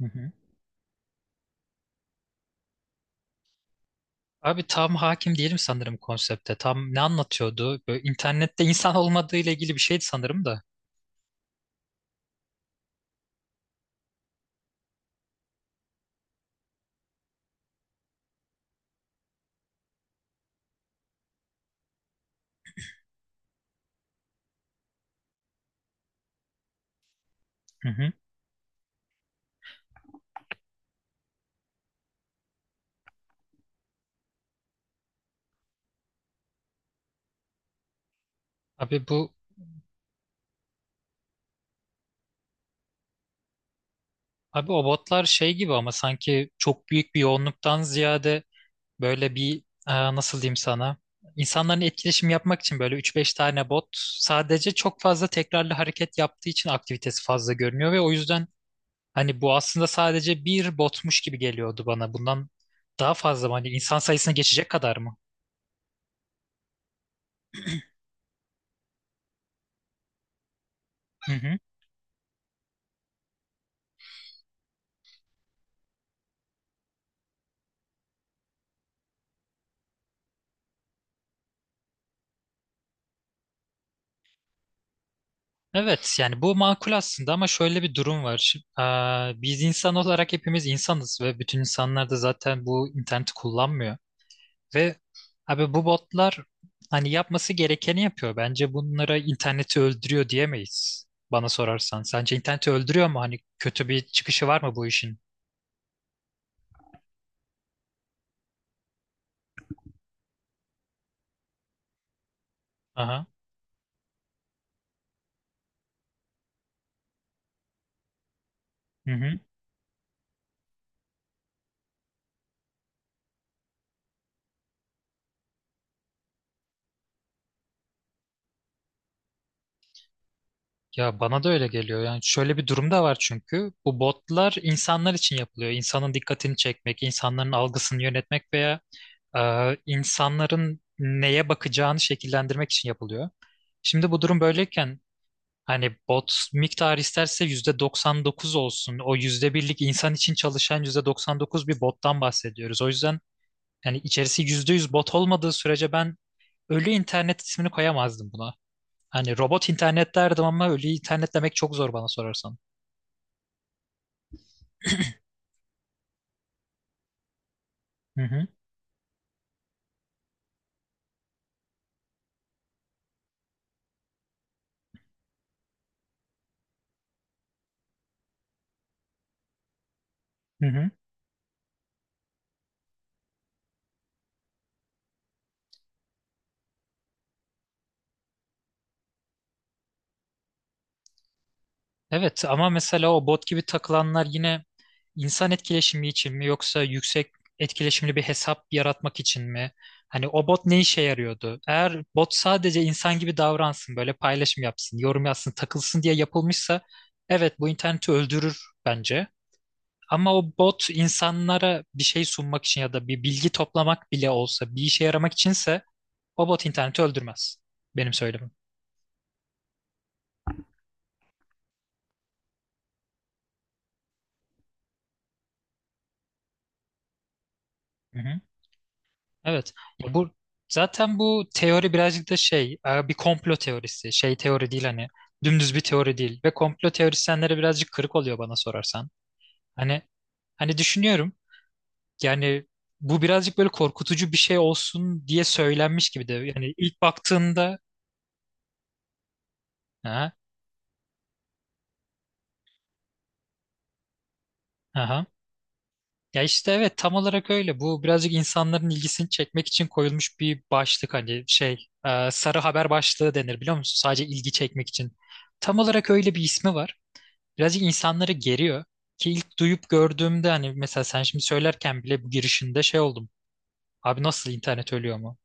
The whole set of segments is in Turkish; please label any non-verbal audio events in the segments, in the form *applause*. Hı hı. Abi tam hakim değilim sanırım konsepte. Tam ne anlatıyordu? Böyle internette insan *laughs* olmadığı ile ilgili bir şeydi sanırım da. Hı hı. Abi bu abi o botlar şey gibi ama sanki çok büyük bir yoğunluktan ziyade böyle bir nasıl diyeyim sana? İnsanların etkileşim yapmak için böyle üç beş tane bot sadece çok fazla tekrarlı hareket yaptığı için aktivitesi fazla görünüyor ve o yüzden hani bu aslında sadece bir botmuş gibi geliyordu bana. Bundan daha fazla mı? Hani insan sayısını geçecek kadar mı? Evet yani bu makul aslında ama şöyle bir durum var. Şimdi, biz insan olarak hepimiz insanız ve bütün insanlar da zaten bu interneti kullanmıyor. Ve abi bu botlar hani yapması gerekeni yapıyor. Bence bunlara interneti öldürüyor diyemeyiz bana sorarsan. Sence interneti öldürüyor mu? Hani kötü bir çıkışı var mı bu işin? Aha. Hı hı. Ya bana da öyle geliyor. Yani şöyle bir durum da var çünkü bu botlar insanlar için yapılıyor. İnsanın dikkatini çekmek, insanların algısını yönetmek veya e, insanların neye bakacağını şekillendirmek için yapılıyor. Şimdi bu durum böyleyken hani bot miktarı isterse %99 olsun. O yüzde birlik insan için çalışan %99 bir bottan bahsediyoruz. O yüzden yani içerisi %100 bot olmadığı sürece ben ölü internet ismini koyamazdım buna. Hani robot internet derdim ama ölü internet demek çok zor bana sorarsan. Hı hı, hı hı. Evet ama mesela o bot gibi takılanlar yine İnsan etkileşimi için mi yoksa yüksek etkileşimli bir hesap yaratmak için mi? Hani o bot ne işe yarıyordu? Eğer bot sadece insan gibi davransın, böyle paylaşım yapsın, yorum yazsın, takılsın diye yapılmışsa evet bu interneti öldürür bence. Ama o bot insanlara bir şey sunmak için ya da bir bilgi toplamak bile olsa bir işe yaramak içinse o bot interneti öldürmez. Benim söylemim. Evet. Ya bu zaten bu teori birazcık da bir komplo teorisi. Şey teori değil hani dümdüz bir teori değil ve komplo teorisyenlere birazcık kırık oluyor bana sorarsan. Hani hani düşünüyorum yani bu birazcık böyle korkutucu bir şey olsun diye söylenmiş gibi de yani ilk baktığında. Ha. Aha. Ya işte evet tam olarak öyle. Bu birazcık insanların ilgisini çekmek için koyulmuş bir başlık hani sarı haber başlığı denir biliyor musun? Sadece ilgi çekmek için. Tam olarak öyle bir ismi var. Birazcık insanları geriyor. Ki ilk duyup gördüğümde hani mesela sen şimdi söylerken bile bu girişinde şey oldum. Abi nasıl internet ölüyor mu?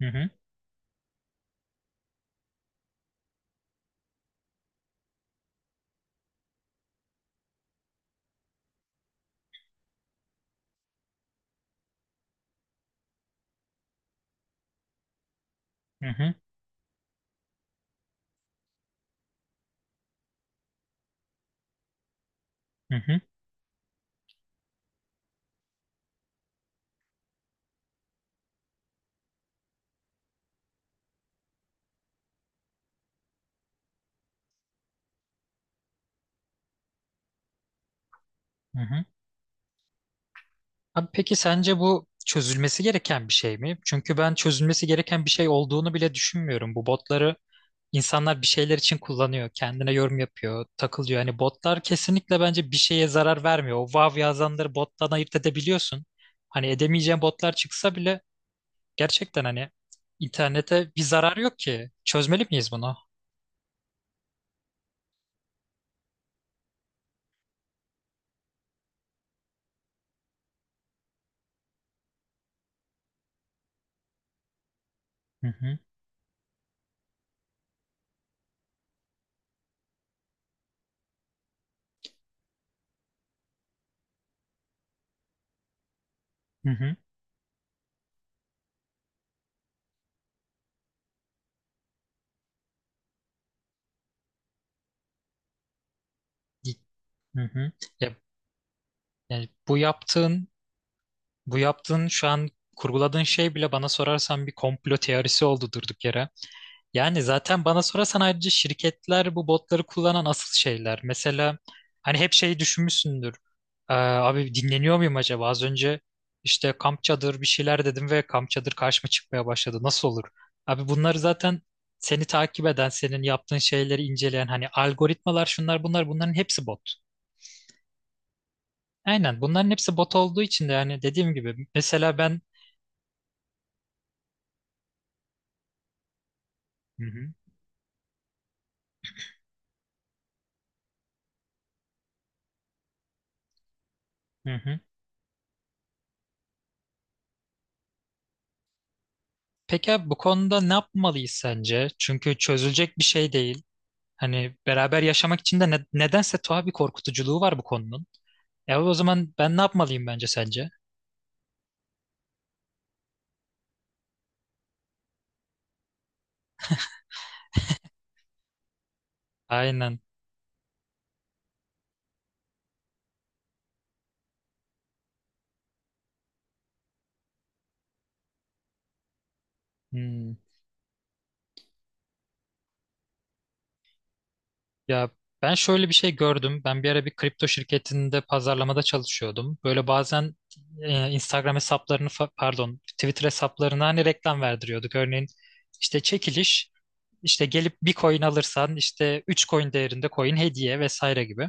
Hı hı, hı hı, hı hı, hı hı. Abi peki sence bu çözülmesi gereken bir şey mi? Çünkü ben çözülmesi gereken bir şey olduğunu bile düşünmüyorum. Bu botları insanlar bir şeyler için kullanıyor. Kendine yorum yapıyor, takılıyor. Hani botlar kesinlikle bence bir şeye zarar vermiyor. O wow yazanları bottan ayırt edebiliyorsun. Hani edemeyeceğin botlar çıksa bile gerçekten hani internete bir zarar yok ki. Çözmeli miyiz bunu? Hı hı hı hı. Hı hı. Ya, yani bu yaptığın, bu yaptığın şu an kurguladığın şey bile bana sorarsan bir komplo teorisi oldu durduk yere. Yani zaten bana sorarsan ayrıca şirketler bu botları kullanan asıl şeyler. Mesela hani hep şeyi düşünmüşsündür. Abi dinleniyor muyum acaba? Az önce işte kamp çadır bir şeyler dedim ve kamp çadır karşıma çıkmaya başladı. Nasıl olur? Abi bunları zaten seni takip eden, senin yaptığın şeyleri inceleyen hani algoritmalar şunlar bunlar bunların hepsi bot. Aynen bunların hepsi bot olduğu için de yani dediğim gibi mesela ben. Hı hı. Hı hı. Peki abi bu konuda ne yapmalıyız sence? Çünkü çözülecek bir şey değil. Hani beraber yaşamak için de nedense tuhaf bir korkutuculuğu var bu konunun. E o zaman ben ne yapmalıyım bence sence? Aynen. Hmm. Ya ben şöyle bir şey gördüm. Ben bir ara bir kripto şirketinde pazarlamada çalışıyordum. Böyle bazen Instagram hesaplarını pardon Twitter hesaplarına hani reklam verdiriyorduk. Örneğin işte çekiliş işte gelip bir coin alırsan işte 3 coin değerinde coin hediye vesaire gibi.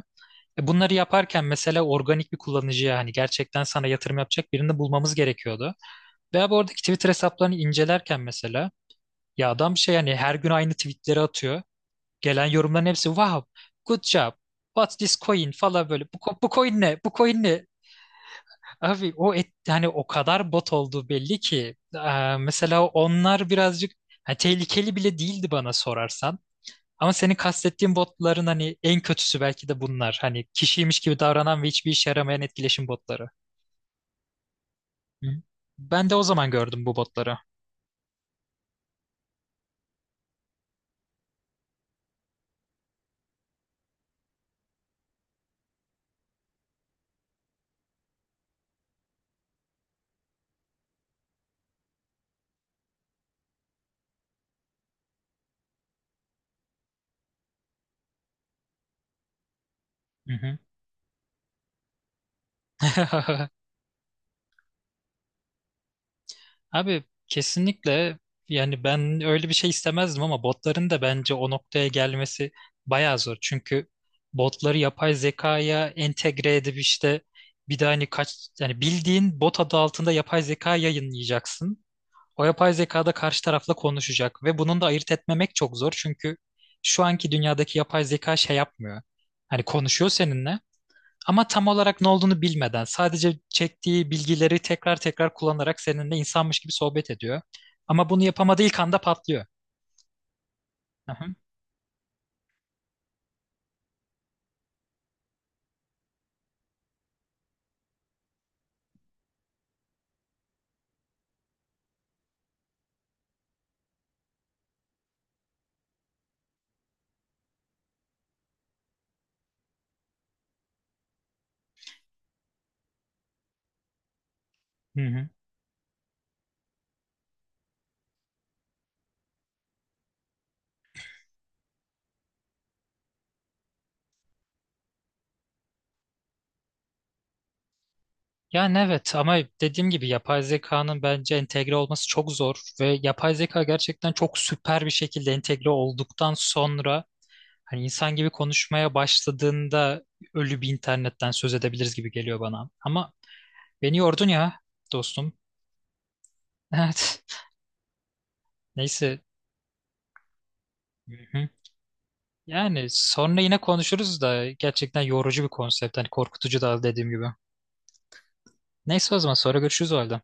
Bunları yaparken mesela organik bir kullanıcıya hani gerçekten sana yatırım yapacak birini bulmamız gerekiyordu. Veya bu oradaki Twitter hesaplarını incelerken mesela ya adam şey yani her gün aynı tweetleri atıyor. Gelen yorumların hepsi wow, good job, what's this coin falan böyle. Bu coin ne? Bu coin ne? Abi yani o kadar bot olduğu belli ki. Mesela onlar birazcık hani tehlikeli bile değildi bana sorarsan. Ama senin kastettiğin botların hani en kötüsü belki de bunlar. Hani kişiymiş gibi davranan ve hiçbir işe yaramayan etkileşim botları. Hı. Ben de o zaman gördüm bu botları. Hı hı. *laughs* Abi kesinlikle yani ben öyle bir şey istemezdim ama botların da bence o noktaya gelmesi bayağı zor. Çünkü botları yapay zekaya entegre edip işte bir de hani kaç yani bildiğin bot adı altında yapay zeka yayınlayacaksın. O yapay zeka da karşı tarafla konuşacak ve bunun da ayırt etmemek çok zor. Çünkü şu anki dünyadaki yapay zeka şey yapmıyor. Hani konuşuyor seninle ama tam olarak ne olduğunu bilmeden sadece çektiği bilgileri tekrar tekrar kullanarak seninle insanmış gibi sohbet ediyor. Ama bunu yapamadığı ilk anda patlıyor. Aha. Hı hı. Hı. Yani evet ama dediğim gibi yapay zekanın bence entegre olması çok zor ve yapay zeka gerçekten çok süper bir şekilde entegre olduktan sonra hani insan gibi konuşmaya başladığında ölü bir internetten söz edebiliriz gibi geliyor bana. Ama beni yordun ya dostum. Evet. *laughs* Neyse. Hı hı. Yani sonra yine konuşuruz da gerçekten yorucu bir konsept. Hani korkutucu da dediğim gibi. Neyse o zaman sonra görüşürüz o halde.